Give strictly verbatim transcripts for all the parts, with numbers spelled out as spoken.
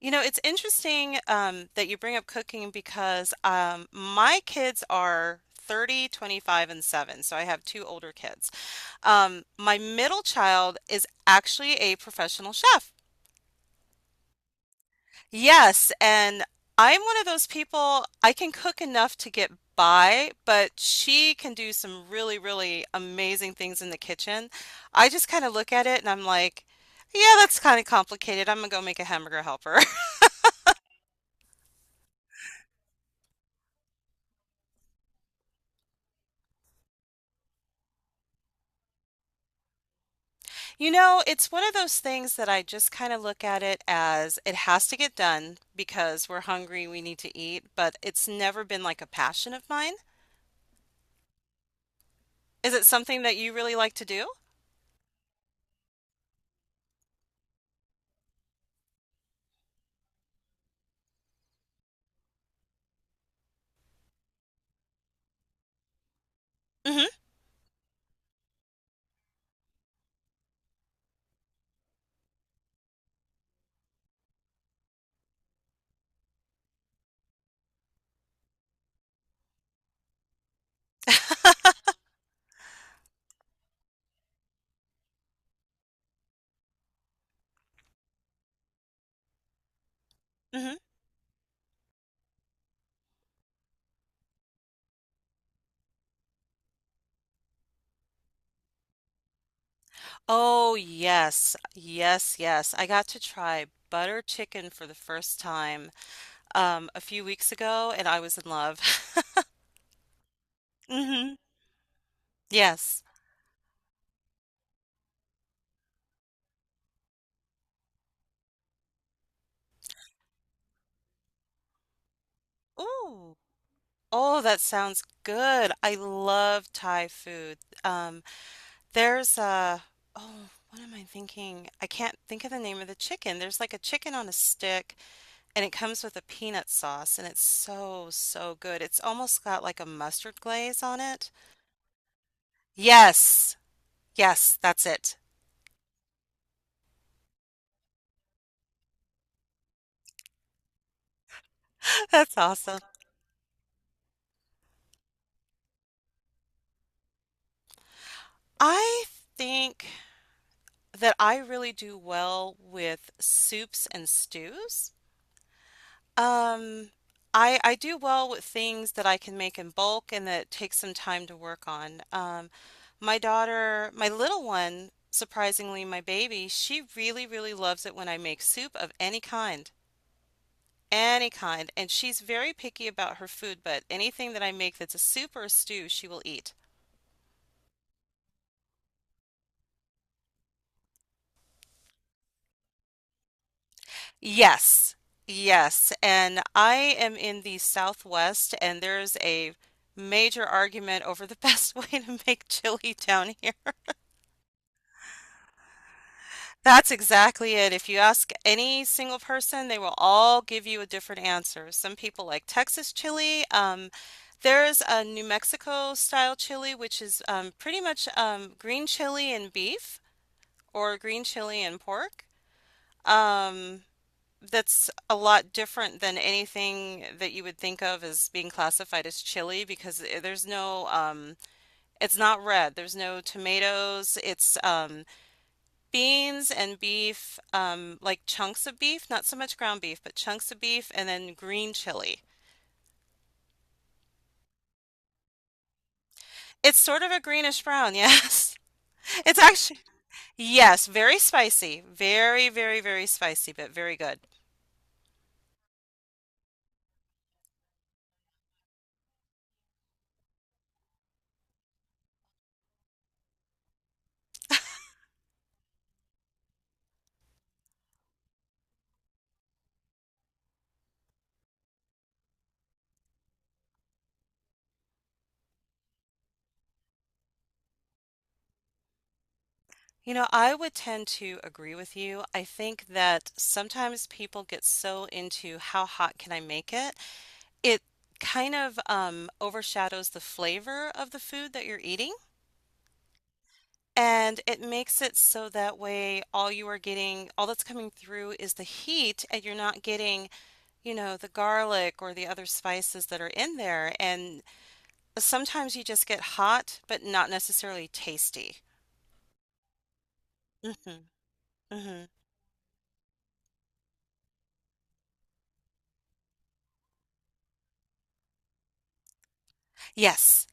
You know, it's interesting um, that you bring up cooking because um, my kids are thirty, twenty-five, and seven. So I have two older kids. Um, my middle child is actually a professional chef. Yes, and I'm one of those people, I can cook enough to get by, but she can do some really, really amazing things in the kitchen. I just kind of look at it and I'm like, yeah, that's kind of complicated. I'm gonna go make a hamburger helper. You know, it's one of those things that I just kind of look at it as it has to get done because we're hungry, we need to eat, but it's never been like a passion of mine. Is it something that you really like to do? hmm hmm Oh, yes. Yes, yes. I got to try butter chicken for the first time um a few weeks ago and I was in love. hmm Yes. Ooh. Oh, that sounds good. I love Thai food. Um There's a, oh, what am I thinking? I can't think of the name of the chicken. There's like a chicken on a stick and it comes with a peanut sauce and it's so, so good. It's almost got like a mustard glaze on it. Yes, yes, that's it. That's awesome. I think that I really do well with soups and stews. Um, I I do well with things that I can make in bulk and that take some time to work on. Um, my daughter, my little one, surprisingly, my baby, she really, really loves it when I make soup of any kind, any kind, and she's very picky about her food, but anything that I make that's a soup or a stew, she will eat. Yes, yes. And I am in the Southwest, and there's a major argument over the best way to make chili down here. That's exactly it. If you ask any single person, they will all give you a different answer. Some people like Texas chili. Um, there's a New Mexico style chili, which is um, pretty much um, green chili and beef or green chili and pork. Um, that's a lot different than anything that you would think of as being classified as chili because i- there's no, um, it's not red. There's no tomatoes. It's um, beans and beef, um, like chunks of beef, not so much ground beef, but chunks of beef, and then green chili. It's sort of a greenish brown, yes. It's actually, yes, very spicy. Very, very, very spicy, but very good. You know, I would tend to agree with you. I think that sometimes people get so into how hot can I make it, it kind of um, overshadows the flavor of the food that you're eating. And it makes it so that way all you are getting, all that's coming through is the heat, and you're not getting, you know, the garlic or the other spices that are in there. And sometimes you just get hot, but not necessarily tasty. hmm hmm Yes.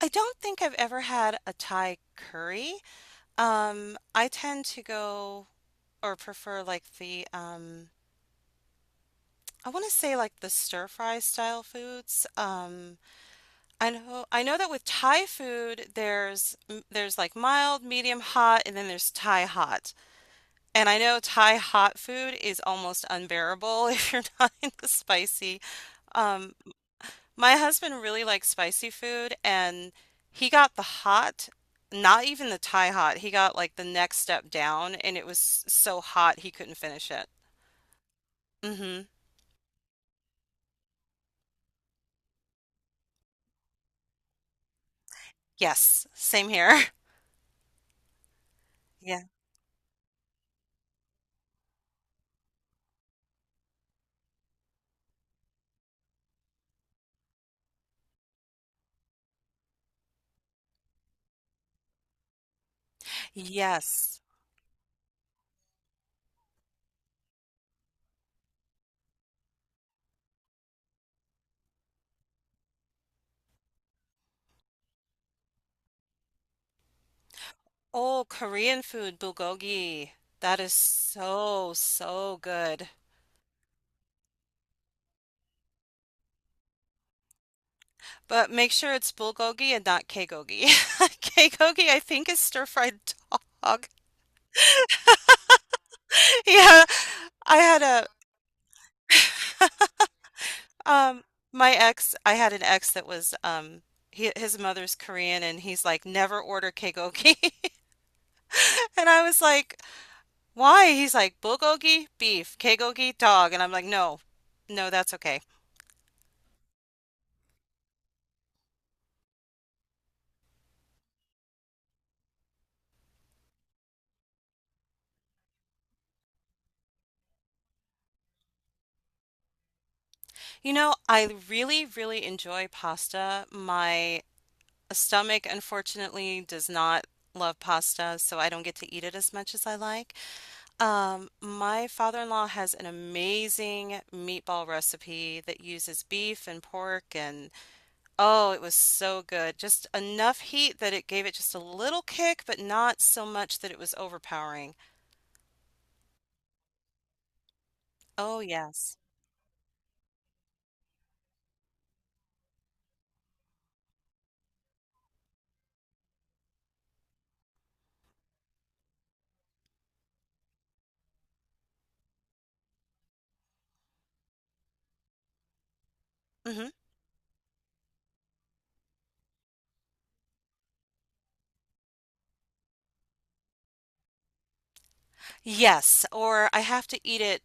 I don't think I've ever had a Thai curry. Um, I tend to go or prefer like the um I want to say like the stir fry style foods. Um, I know I know that with Thai food there's there's like mild, medium hot, and then there's Thai hot. And I know Thai hot food is almost unbearable if you're not into spicy. Um, my husband really likes spicy food and he got the hot, not even the Thai hot. He got like the next step down and it was so hot he couldn't finish it. mm hmm Yes, same here. Yeah. Yes. Oh, Korean food, bulgogi. That is so, so good. But make sure it's bulgogi and not kegogi. Kegogi, I think, is stir-fried dog. Yeah, I had a um my ex, I had an ex that was um he, his mother's Korean and he's like, "Never order kegogi. And I was like, "Why?" He's like, "Bulgogi, beef, kegogi dog." And I'm like, "No. No, that's okay." You know, I really, really enjoy pasta. My A stomach, unfortunately, does not love pasta, so I don't get to eat it as much as I like. Um, my father-in-law has an amazing meatball recipe that uses beef and pork, and oh, it was so good. Just enough heat that it gave it just a little kick, but not so much that it was overpowering. Oh, yes. hmm Yes, or I have to eat it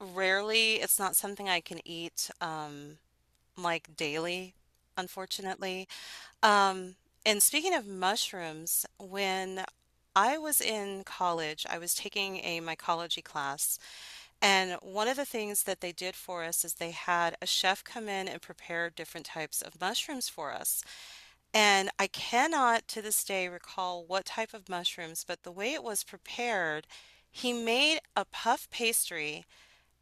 rarely. It's not something I can eat um, like daily, unfortunately. Um, and speaking of mushrooms, when I was in college, I was taking a mycology class, and one of the things that they did for us is they had a chef come in and prepare different types of mushrooms for us. And I cannot to this day recall what type of mushrooms, but the way it was prepared, he made a puff pastry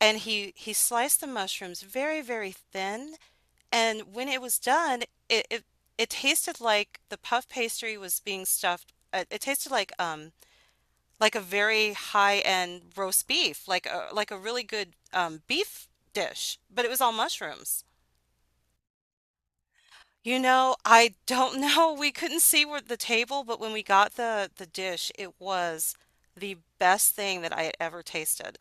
and he he sliced the mushrooms very, very thin. And when it was done, it it, it tasted like the puff pastry was being stuffed. It, it tasted like um like a very high-end roast beef, like a like a really good um, beef dish, but it was all mushrooms. You know, I don't know. We couldn't see where the table, but when we got the the dish, it was the best thing that I had ever tasted.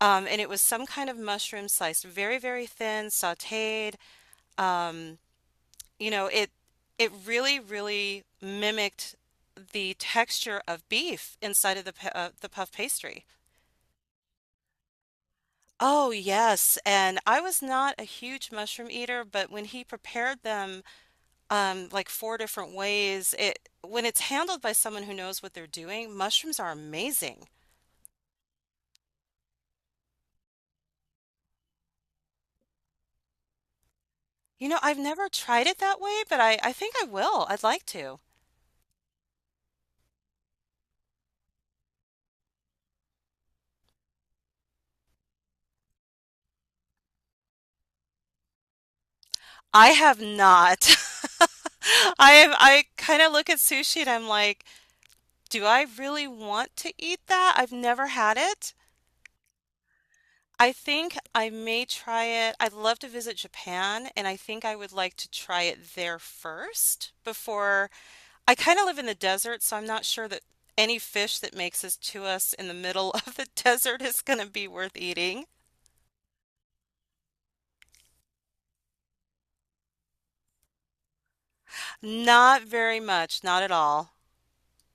Um, and it was some kind of mushroom sliced very, very thin, sautéed. Um, you know, it it really, really mimicked the texture of beef inside of the pa- uh, the puff pastry. Oh, yes. And I was not a huge mushroom eater, but when he prepared them um, like four different ways. It When it's handled by someone who knows what they're doing, mushrooms are amazing. You know, I've never tried it that way, but I, I think I will. I'd like to. I have not. I have, I kind of look at sushi and I'm like, do I really want to eat that? I've never had it. I think I may try it. I'd love to visit Japan, and I think I would like to try it there first before I kind of live in the desert, so I'm not sure that any fish that makes it to us in the middle of the desert is going to be worth eating. Not very much, not at all.